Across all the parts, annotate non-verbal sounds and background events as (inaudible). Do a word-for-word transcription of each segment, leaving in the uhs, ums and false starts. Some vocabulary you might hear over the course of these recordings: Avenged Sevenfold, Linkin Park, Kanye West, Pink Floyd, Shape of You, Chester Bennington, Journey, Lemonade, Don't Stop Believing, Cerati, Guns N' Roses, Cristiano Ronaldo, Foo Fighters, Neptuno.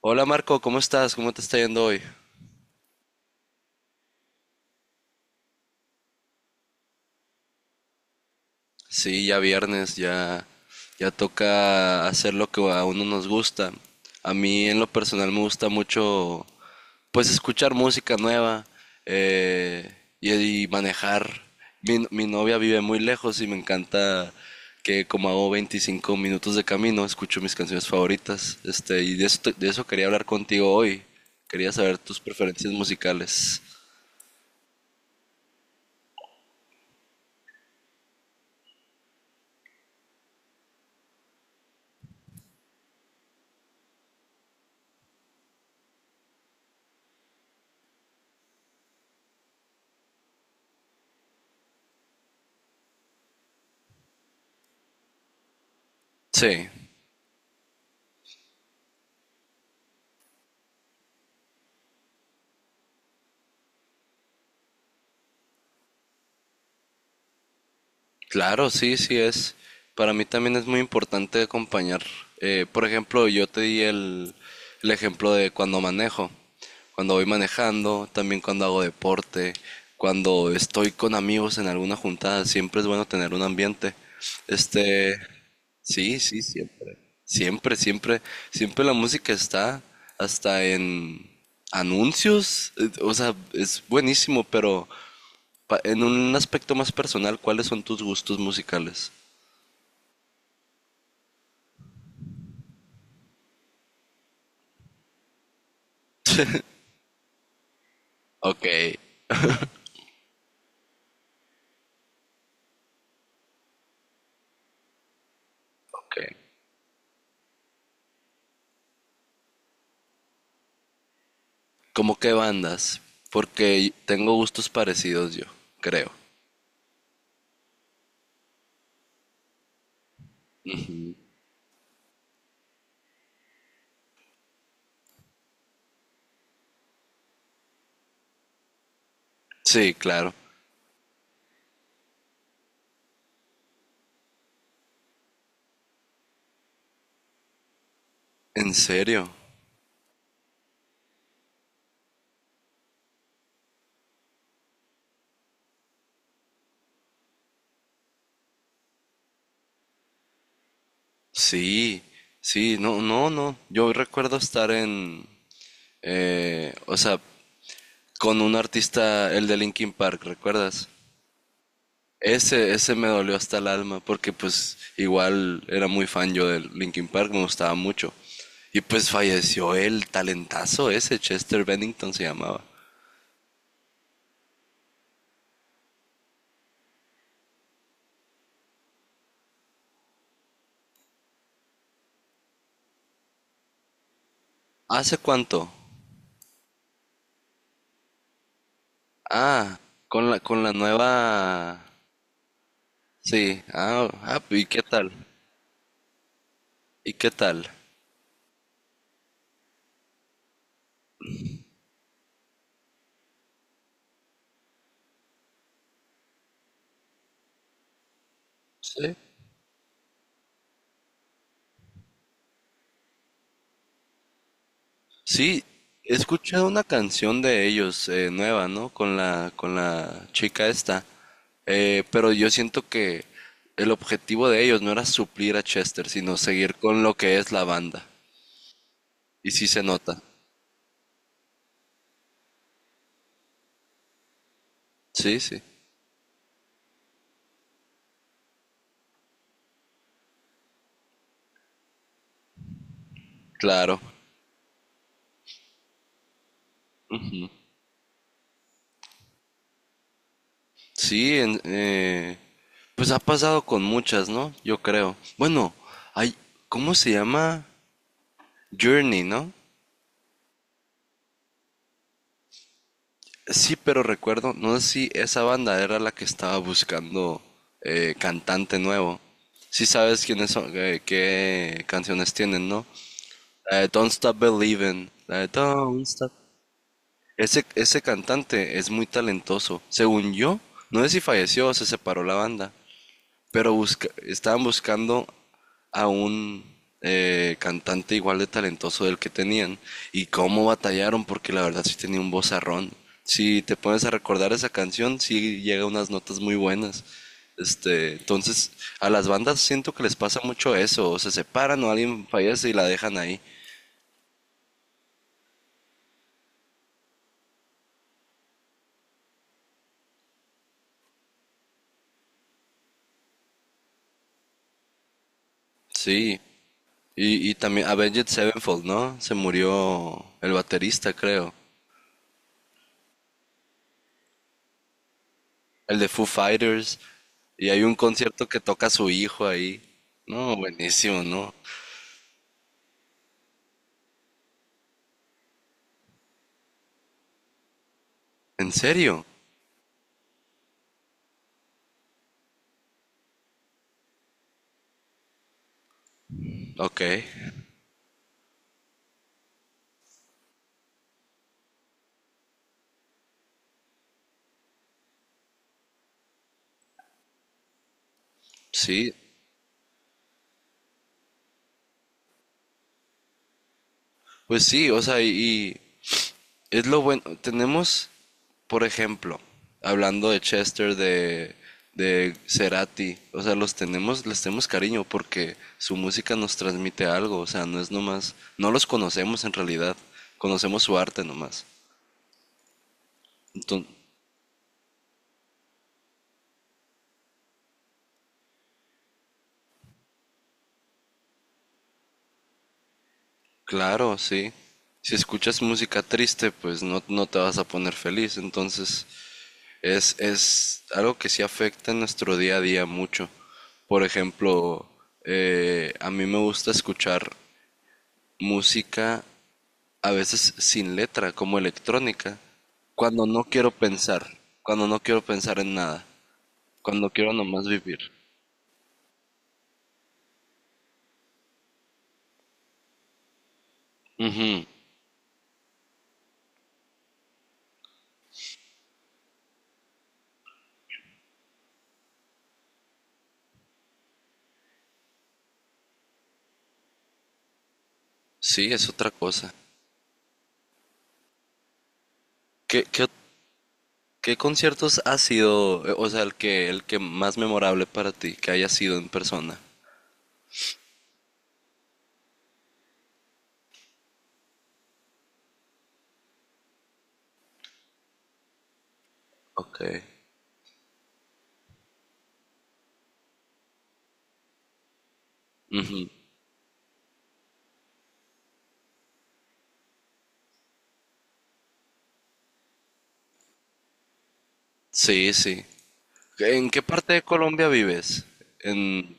Hola Marco, ¿cómo estás? ¿Cómo te está yendo hoy? Sí, ya viernes, ya, ya toca hacer lo que a uno nos gusta. A mí en lo personal me gusta mucho, pues escuchar música nueva eh, y, y manejar. Mi, mi novia vive muy lejos y me encanta que como hago veinticinco minutos de camino, escucho mis canciones favoritas. Este, y de eso, te- de eso quería hablar contigo hoy. Quería saber tus preferencias musicales. Sí. Claro, sí, sí es. Para mí también es muy importante acompañar. Eh, por ejemplo, yo te di el, el ejemplo de cuando manejo, cuando voy manejando, también cuando hago deporte, cuando estoy con amigos en alguna juntada, siempre es bueno tener un ambiente. Este, sí, sí, siempre. Siempre, siempre, siempre la música está hasta en anuncios, eh, o sea, es buenísimo, pero Pa- en un aspecto más personal, ¿cuáles son tus gustos musicales? Ok, ok. ¿Cómo qué bandas? Porque tengo gustos parecidos yo, creo. Sí, claro. ¿En serio? Sí, sí, no, no, no. Yo recuerdo estar en, eh, o sea, con un artista, el de Linkin Park, ¿recuerdas? Ese, ese me dolió hasta el alma, porque pues igual era muy fan yo del Linkin Park, me gustaba mucho. Y pues falleció el talentazo ese, Chester Bennington se llamaba. ¿Hace cuánto? Ah, con la, con la nueva. Sí, ah, ah, ¿y qué tal? ¿Y qué tal? Sí. Sí, he escuchado una canción de ellos, eh, nueva, ¿no? Con la, con la chica esta. Eh, pero yo siento que el objetivo de ellos no era suplir a Chester, sino seguir con lo que es la banda. Y sí se nota. Sí, sí. Claro. Sí, en- eh, pues ha pasado con muchas, ¿no? Yo creo. Bueno, hay, ¿cómo se llama? Journey, ¿no? Sí, pero recuerdo, no sé si esa banda era la que estaba buscando eh, cantante nuevo. Sí sabes quiénes son, eh, qué canciones tienen, ¿no? La de Don't Stop Believing, la de Don't Stop. Ese, ese cantante es muy talentoso. Según yo, no sé si falleció o se separó la banda. Pero busca- estaban buscando a un eh, cantante igual de talentoso del que tenían. Y cómo batallaron, porque la verdad sí tenía un vozarrón. Si te pones a recordar esa canción, sí llega a unas notas muy buenas. Este, entonces, a las bandas siento que les pasa mucho eso. O se separan o alguien fallece y la dejan ahí. Sí. Y, y también Avenged Sevenfold, ¿no? Se murió el baterista, creo. El de Foo Fighters, y hay un concierto que toca su hijo ahí. No, buenísimo, ¿no? ¿En serio? Ok, sí, pues sí, o sea, y, y es lo bueno. Tenemos, por ejemplo, hablando de Chester, de, de, Cerati, o sea, los tenemos, les tenemos cariño porque su música nos transmite algo, o sea, no es nomás, no los conocemos en realidad, conocemos su arte nomás. Entonces. Claro, sí. Si escuchas música triste, pues no, no te vas a poner feliz. Entonces, es, es algo que sí afecta en nuestro día a día mucho. Por ejemplo, eh, a mí me gusta escuchar música a veces sin letra, como electrónica, cuando no quiero pensar, cuando no quiero pensar en nada, cuando quiero nomás vivir. Ujú. Sí, es otra cosa. ¿Qué, qué ¿Qué conciertos ha sido, eh, o sea, el que, el que más memorable para ti, que haya sido en persona? Ok. Sí, sí. ¿En qué parte de Colombia vives? En.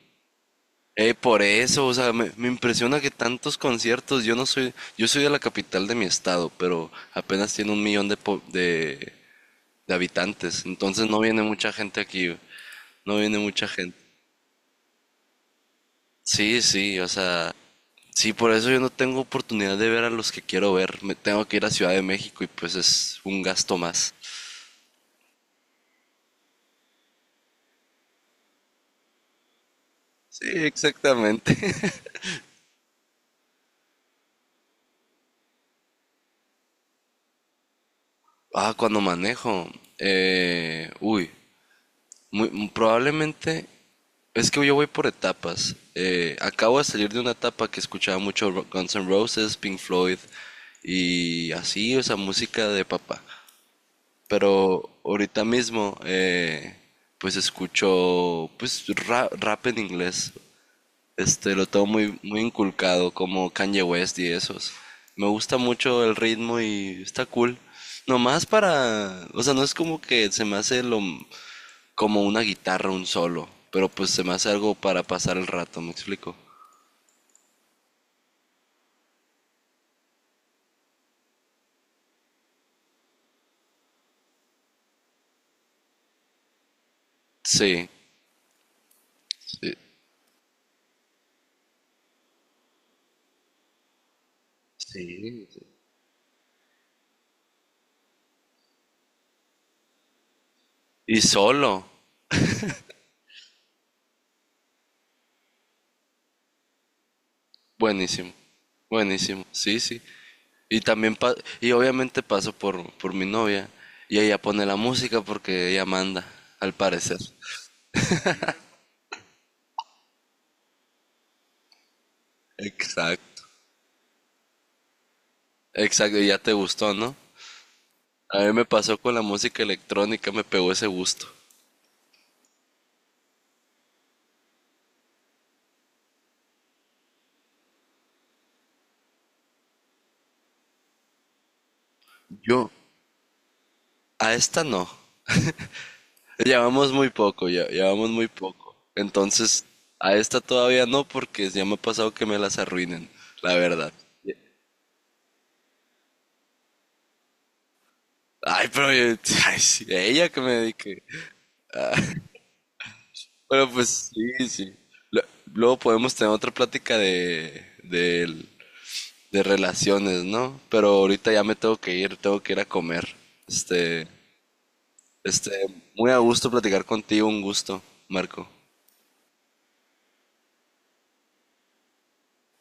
Eh, por eso, o sea, me, me impresiona que tantos conciertos, yo no soy, yo soy de la capital de mi estado, pero apenas tiene un millón de, po- de, de habitantes, entonces no viene mucha gente aquí, no viene mucha gente. Sí, sí, o sea, sí, por eso yo no tengo oportunidad de ver a los que quiero ver. Me tengo que ir a Ciudad de México y pues es un gasto más. Sí, exactamente. (laughs) Ah, cuando manejo. eh, uy, muy, muy probablemente es que yo voy por etapas. Eh, acabo de salir de una etapa que escuchaba mucho Ro- Guns N' Roses, Pink Floyd y así, o sea, música de papá. Pero ahorita mismo, eh, pues escucho pues ra- rap en inglés. Este, lo tengo muy, muy inculcado, como Kanye West y esos. Me gusta mucho el ritmo y está cool. Nomás para, o sea, no es como que se me hace lo, como una guitarra, un solo, pero pues se me hace algo para pasar el rato, ¿me explico? Sí, sí, sí. Y solo, buenísimo, buenísimo, sí, sí. Y también, pa- y obviamente paso por, por mi novia y ella pone la música porque ella manda, al parecer. Exacto. Exacto, y ya te gustó, ¿no? A mí me pasó con la música electrónica, me pegó ese gusto. Yo, A esta no. Llevamos muy poco, ya, llevamos muy poco. Entonces, a esta todavía no, porque ya me ha pasado que me las arruinen, la verdad. Ay, pero yo- (laughs) ay, sí, ella que me dedique. Pero pues sí, sí. Lo- Luego podemos tener otra plática de, de, de relaciones, ¿no? Pero ahorita ya me tengo que ir, tengo que ir a comer. Este, Este, muy a gusto platicar contigo, un gusto, Marco.